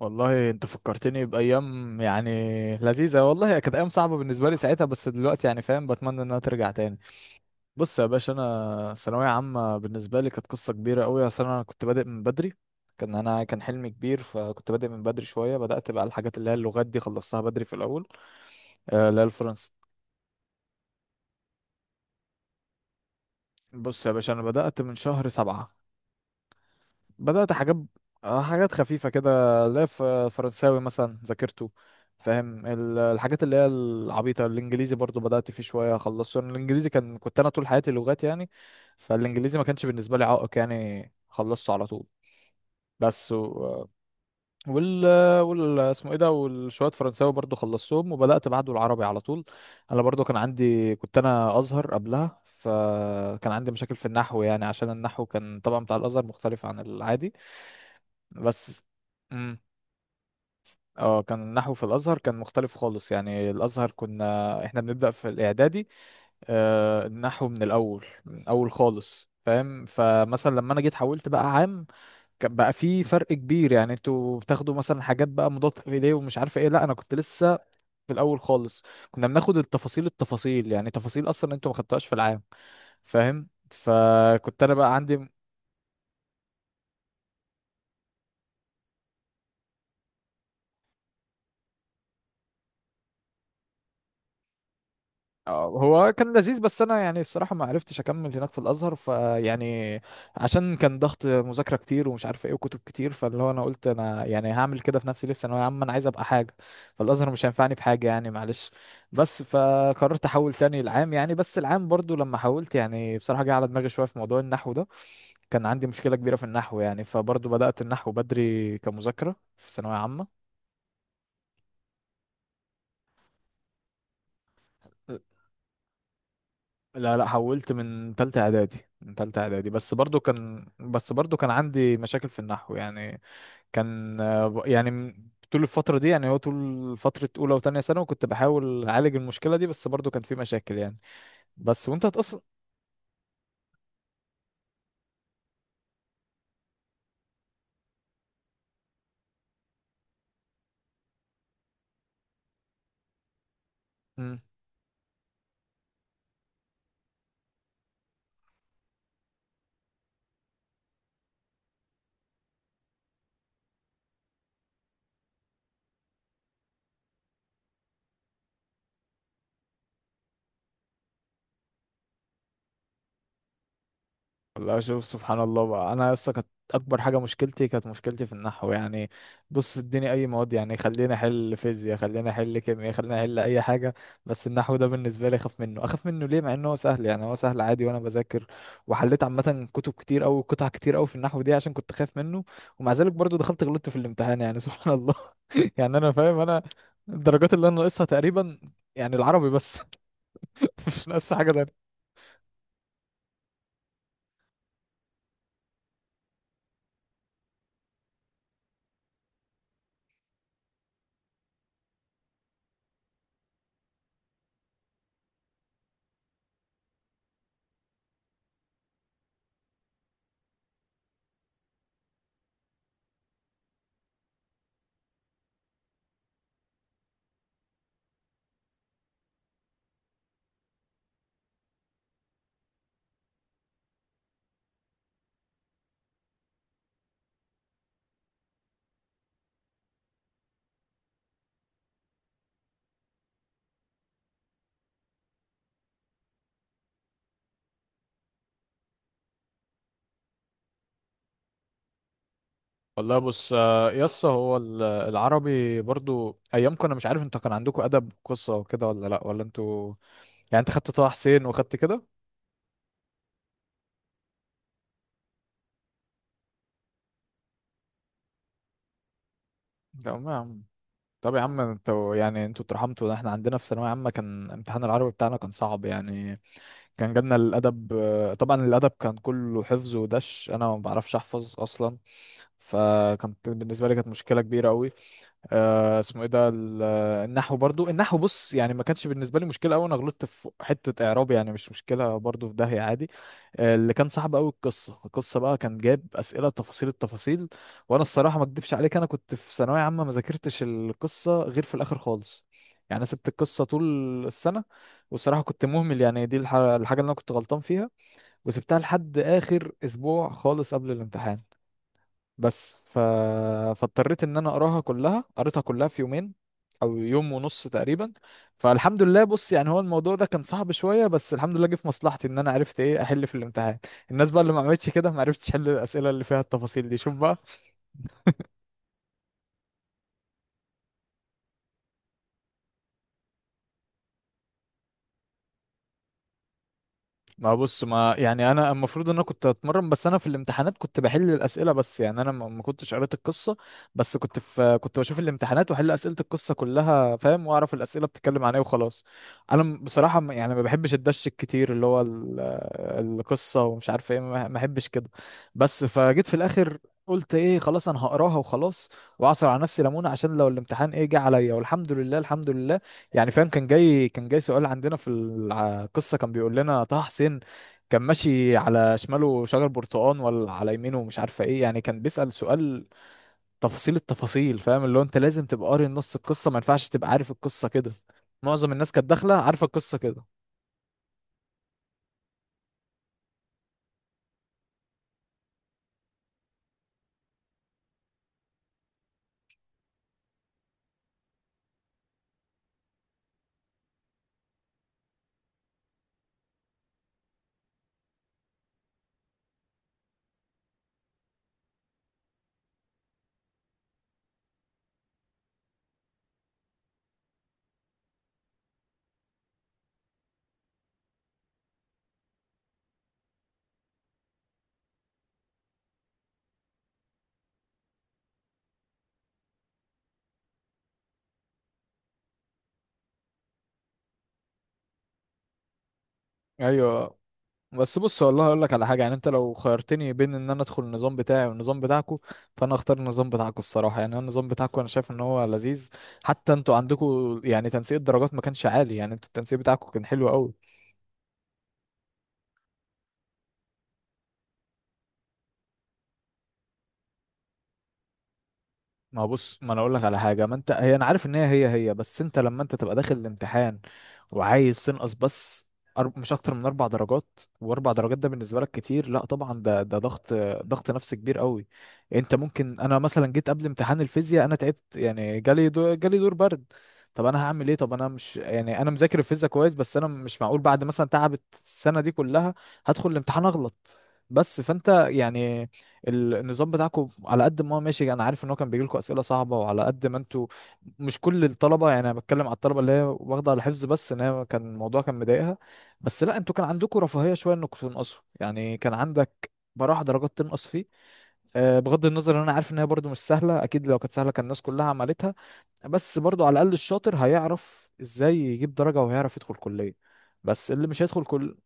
والله انت فكرتني بايام يعني لذيذه. والله هي كانت ايام صعبه بالنسبه لي ساعتها، بس دلوقتي يعني فاهم، بتمنى انها ترجع تاني. بص يا باشا، انا ثانويه عامه بالنسبه لي كانت قصه كبيره قوي، اصل انا كنت بادئ من بدري. كان حلمي كبير، فكنت بادئ من بدري شويه. بدات بقى الحاجات اللي هي اللغات دي، خلصتها بدري في الاول. آه، اللي هي الفرنسي. بص يا باشا، انا بدات من شهر 7، بدأت حاجات. آه، حاجات خفيفة كده. لا، فرنساوي مثلا ذاكرته، فاهم. الحاجات اللي هي العبيطة، الإنجليزي برضو بدأت فيه شوية، خلصت الإنجليزي. كنت أنا طول حياتي لغات يعني. فالإنجليزي ما كانش بالنسبة لي عائق يعني، خلصته على طول. بس وال وال اسمه ايه ده، والشويه فرنساوي برضو خلصتهم، وبدات بعده العربي على طول. انا برضو كان عندي كنت انا ازهر قبلها، فكان عندي مشاكل في النحو يعني، عشان النحو كان طبعا بتاع الازهر مختلف عن العادي. بس امم اه كان النحو في الازهر كان مختلف خالص يعني. الازهر كنا احنا بنبدا في الاعدادي، آه النحو من الاول من الاول خالص، فاهم. فمثلا لما انا جيت حولت بقى عام، كان بقى في فرق كبير يعني. انتوا بتاخدوا مثلا حاجات بقى مضاد ايديه ومش عارفه ايه، لا انا كنت لسه في الاول خالص. كنا بناخد التفاصيل التفاصيل، يعني تفاصيل اصلا انتوا ما خدتوهاش في العام، فاهم. فكنت انا بقى عندي. اه هو كان لذيذ، بس انا يعني الصراحه ما عرفتش اكمل هناك في الازهر، فيعني عشان كان ضغط مذاكره كتير ومش عارف ايه وكتب كتير، فاللي هو انا قلت انا يعني هعمل كده في نفسي ليه؟ في ثانويه عامه انا عايز ابقى حاجه، فالازهر مش هينفعني بحاجه يعني، معلش. بس فقررت احول تاني العام يعني، بس العام برضو لما حولت يعني بصراحه جه على دماغي شويه في موضوع النحو ده. كان عندي مشكله كبيره في النحو يعني، فبرضو بدات النحو بدري كمذاكره في ثانويه عامه. لا، لا، حولت من تالتة اعدادي، من تالتة اعدادي، بس برضو كان عندي مشاكل في النحو يعني. كان يعني طول الفترة دي يعني، هو طول فترة أولى وتانية ثانوي كنت بحاول أعالج المشكلة دي، بس برضو كان في مشاكل يعني. بس وأنت هتقص. والله شوف، سبحان الله بقى. انا لسه كانت اكبر حاجه، مشكلتي في النحو يعني. بص اديني اي مواد يعني، خليني احل فيزياء، خليني احل كيمياء، خليني احل اي حاجه، بس النحو ده بالنسبه لي اخاف منه، اخاف منه ليه مع انه هو سهل يعني؟ هو سهل عادي وانا بذاكر، وحليت عامه كتب كتير او قطع كتير او في النحو دي عشان كنت خايف منه، ومع ذلك برضو دخلت غلطت في الامتحان يعني، سبحان الله. يعني انا فاهم، انا الدرجات اللي انا ناقصها تقريبا يعني العربي بس. مش ناقص حاجه. والله بص. آه، يس هو العربي، برضو ايامكم انا مش عارف انت كان عندكم ادب قصه وكده ولا لا، ولا انتوا يعني انت خدت طه حسين وخدت كده؟ تمام يا عم. طب يا عم انتوا يعني انتوا اترحمتوا، ده احنا عندنا في ثانويه عامه كان امتحان العربي بتاعنا كان صعب يعني. كان جالنا الادب، آه، طبعا الادب كان كله حفظ ودش، انا ما بعرفش احفظ اصلا، فكانت بالنسبه لي كانت مشكله كبيره قوي. اسمه ايه ده، النحو برضو، النحو بص يعني ما كانش بالنسبه لي مشكله قوي، انا غلطت في حته اعراب يعني، مش مشكله برضو، في داهيه عادي. آه اللي كان صعب قوي القصه، القصه بقى كان جايب اسئله تفاصيل التفاصيل، وانا الصراحه ما اكدبش عليك انا كنت في ثانويه عامه ما ذاكرتش القصه غير في الاخر خالص يعني. انا سبت القصه طول السنه، والصراحه كنت مهمل يعني، دي الحاجه اللي انا كنت غلطان فيها، وسبتها لحد اخر اسبوع خالص قبل الامتحان. بس ف... فاضطريت ان انا اقراها كلها، قريتها كلها في يومين او يوم ونص تقريبا. فالحمد لله، بص يعني هو الموضوع ده كان صعب شويه، بس الحمد لله جه في مصلحتي ان انا عرفت ايه احل في الامتحان. الناس بقى اللي ما عملتش كده ما عرفتش احل الاسئله اللي فيها التفاصيل دي، شوف بقى. ما بص، ما يعني انا المفروض ان انا كنت اتمرن، بس انا في الامتحانات كنت بحل الاسئله بس، يعني انا ما كنتش قريت القصه. بس كنت بشوف الامتحانات واحل اسئله القصه كلها، فاهم، واعرف الاسئله بتتكلم عن ايه، وخلاص. انا بصراحه، يعني ما بحبش الدش الكتير اللي هو القصه ومش عارف ايه، ما بحبش كده. بس فجيت في الاخر قلت ايه، خلاص انا هقراها وخلاص، واعصر على نفسي ليمونه عشان لو الامتحان ايه جه عليا. والحمد لله، الحمد لله. يعني فاهم، كان جاي سؤال عندنا في القصة كان بيقول لنا طه حسين كان ماشي على شماله شجر برتقان ولا على يمينه، مش عارفة ايه. يعني كان بيسأل سؤال تفاصيل التفاصيل، فاهم. اللي هو انت لازم تبقى قاري نص القصة، ما ينفعش تبقى عارف القصة كده. معظم الناس كانت داخلة عارفة القصة كده. ايوه، بس بص والله اقول لك على حاجه. يعني انت لو خيرتني بين ان انا ادخل النظام بتاعي والنظام بتاعكو، فانا اختار النظام بتاعكو الصراحه. يعني انا النظام بتاعكو انا شايف ان هو لذيذ، حتى انتوا عندكم يعني تنسيق الدرجات ما كانش عالي يعني، انتوا التنسيق بتاعكو كان حلو قوي. ما هو بص، ما انا اقول لك على حاجه، ما انت هي انا عارف ان هي، بس انت لما انت تبقى داخل الامتحان وعايز تنقص بس، مش اكتر من 4 درجات، واربع درجات ده بالنسبه لك كتير، لا طبعا ده ضغط، ضغط نفسي كبير قوي. انت ممكن انا مثلا جيت قبل امتحان الفيزياء انا تعبت يعني، جالي دور برد. طب انا هعمل ايه؟ طب انا مش يعني انا مذاكر الفيزياء كويس، بس انا مش معقول بعد مثلا تعبت السنه دي كلها هدخل الامتحان اغلط. بس فانت يعني النظام بتاعكم على قد ما هو ماشي، انا عارف ان هو كان بيجي لكم اسئله صعبه، وعلى قد ما انتوا مش كل الطلبه، يعني انا بتكلم على الطلبه اللي هي واخده على الحفظ بس، ان هي كان الموضوع كان مضايقها. بس لا، انتوا كان عندكم رفاهيه شويه انكم تنقصوا، يعني كان عندك براح درجات تنقص فيه. آه، بغض النظر ان انا عارف ان هي برضو مش سهله، اكيد لو كانت سهله كان الناس كلها عملتها، بس برضو على الاقل الشاطر هيعرف ازاي يجيب درجه وهيعرف يدخل كليه. بس اللي مش هيدخل كل.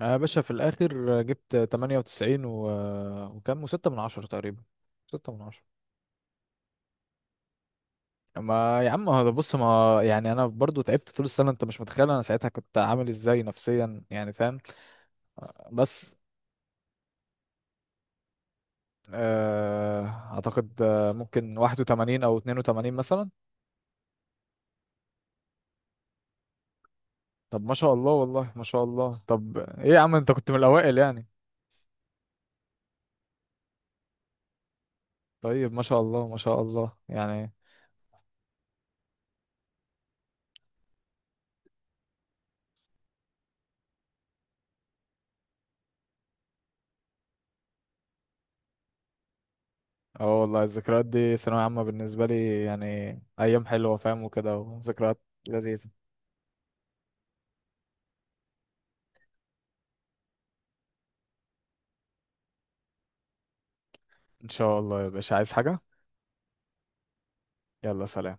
يا باشا في الآخر جبت 98 وكام وستة من عشرة تقريبا، 6 من 10. ما يا عم، هذا بص ما يعني أنا برضو تعبت طول السنة، أنت مش متخيل أنا ساعتها كنت عامل إزاي نفسيا يعني، فاهم. بس آه، أعتقد ممكن 81 أو 82 مثلا. طب ما شاء الله، والله ما شاء الله. طب إيه يا عم، أنت كنت من الأوائل يعني؟ طيب ما شاء الله، ما شاء الله يعني. اه والله، الذكريات دي ثانوية عامة بالنسبة لي يعني أيام حلوة، فاهم، وكده وذكريات لذيذة. ان شاء الله يا باشا، عايز حاجة؟ يلا، سلام.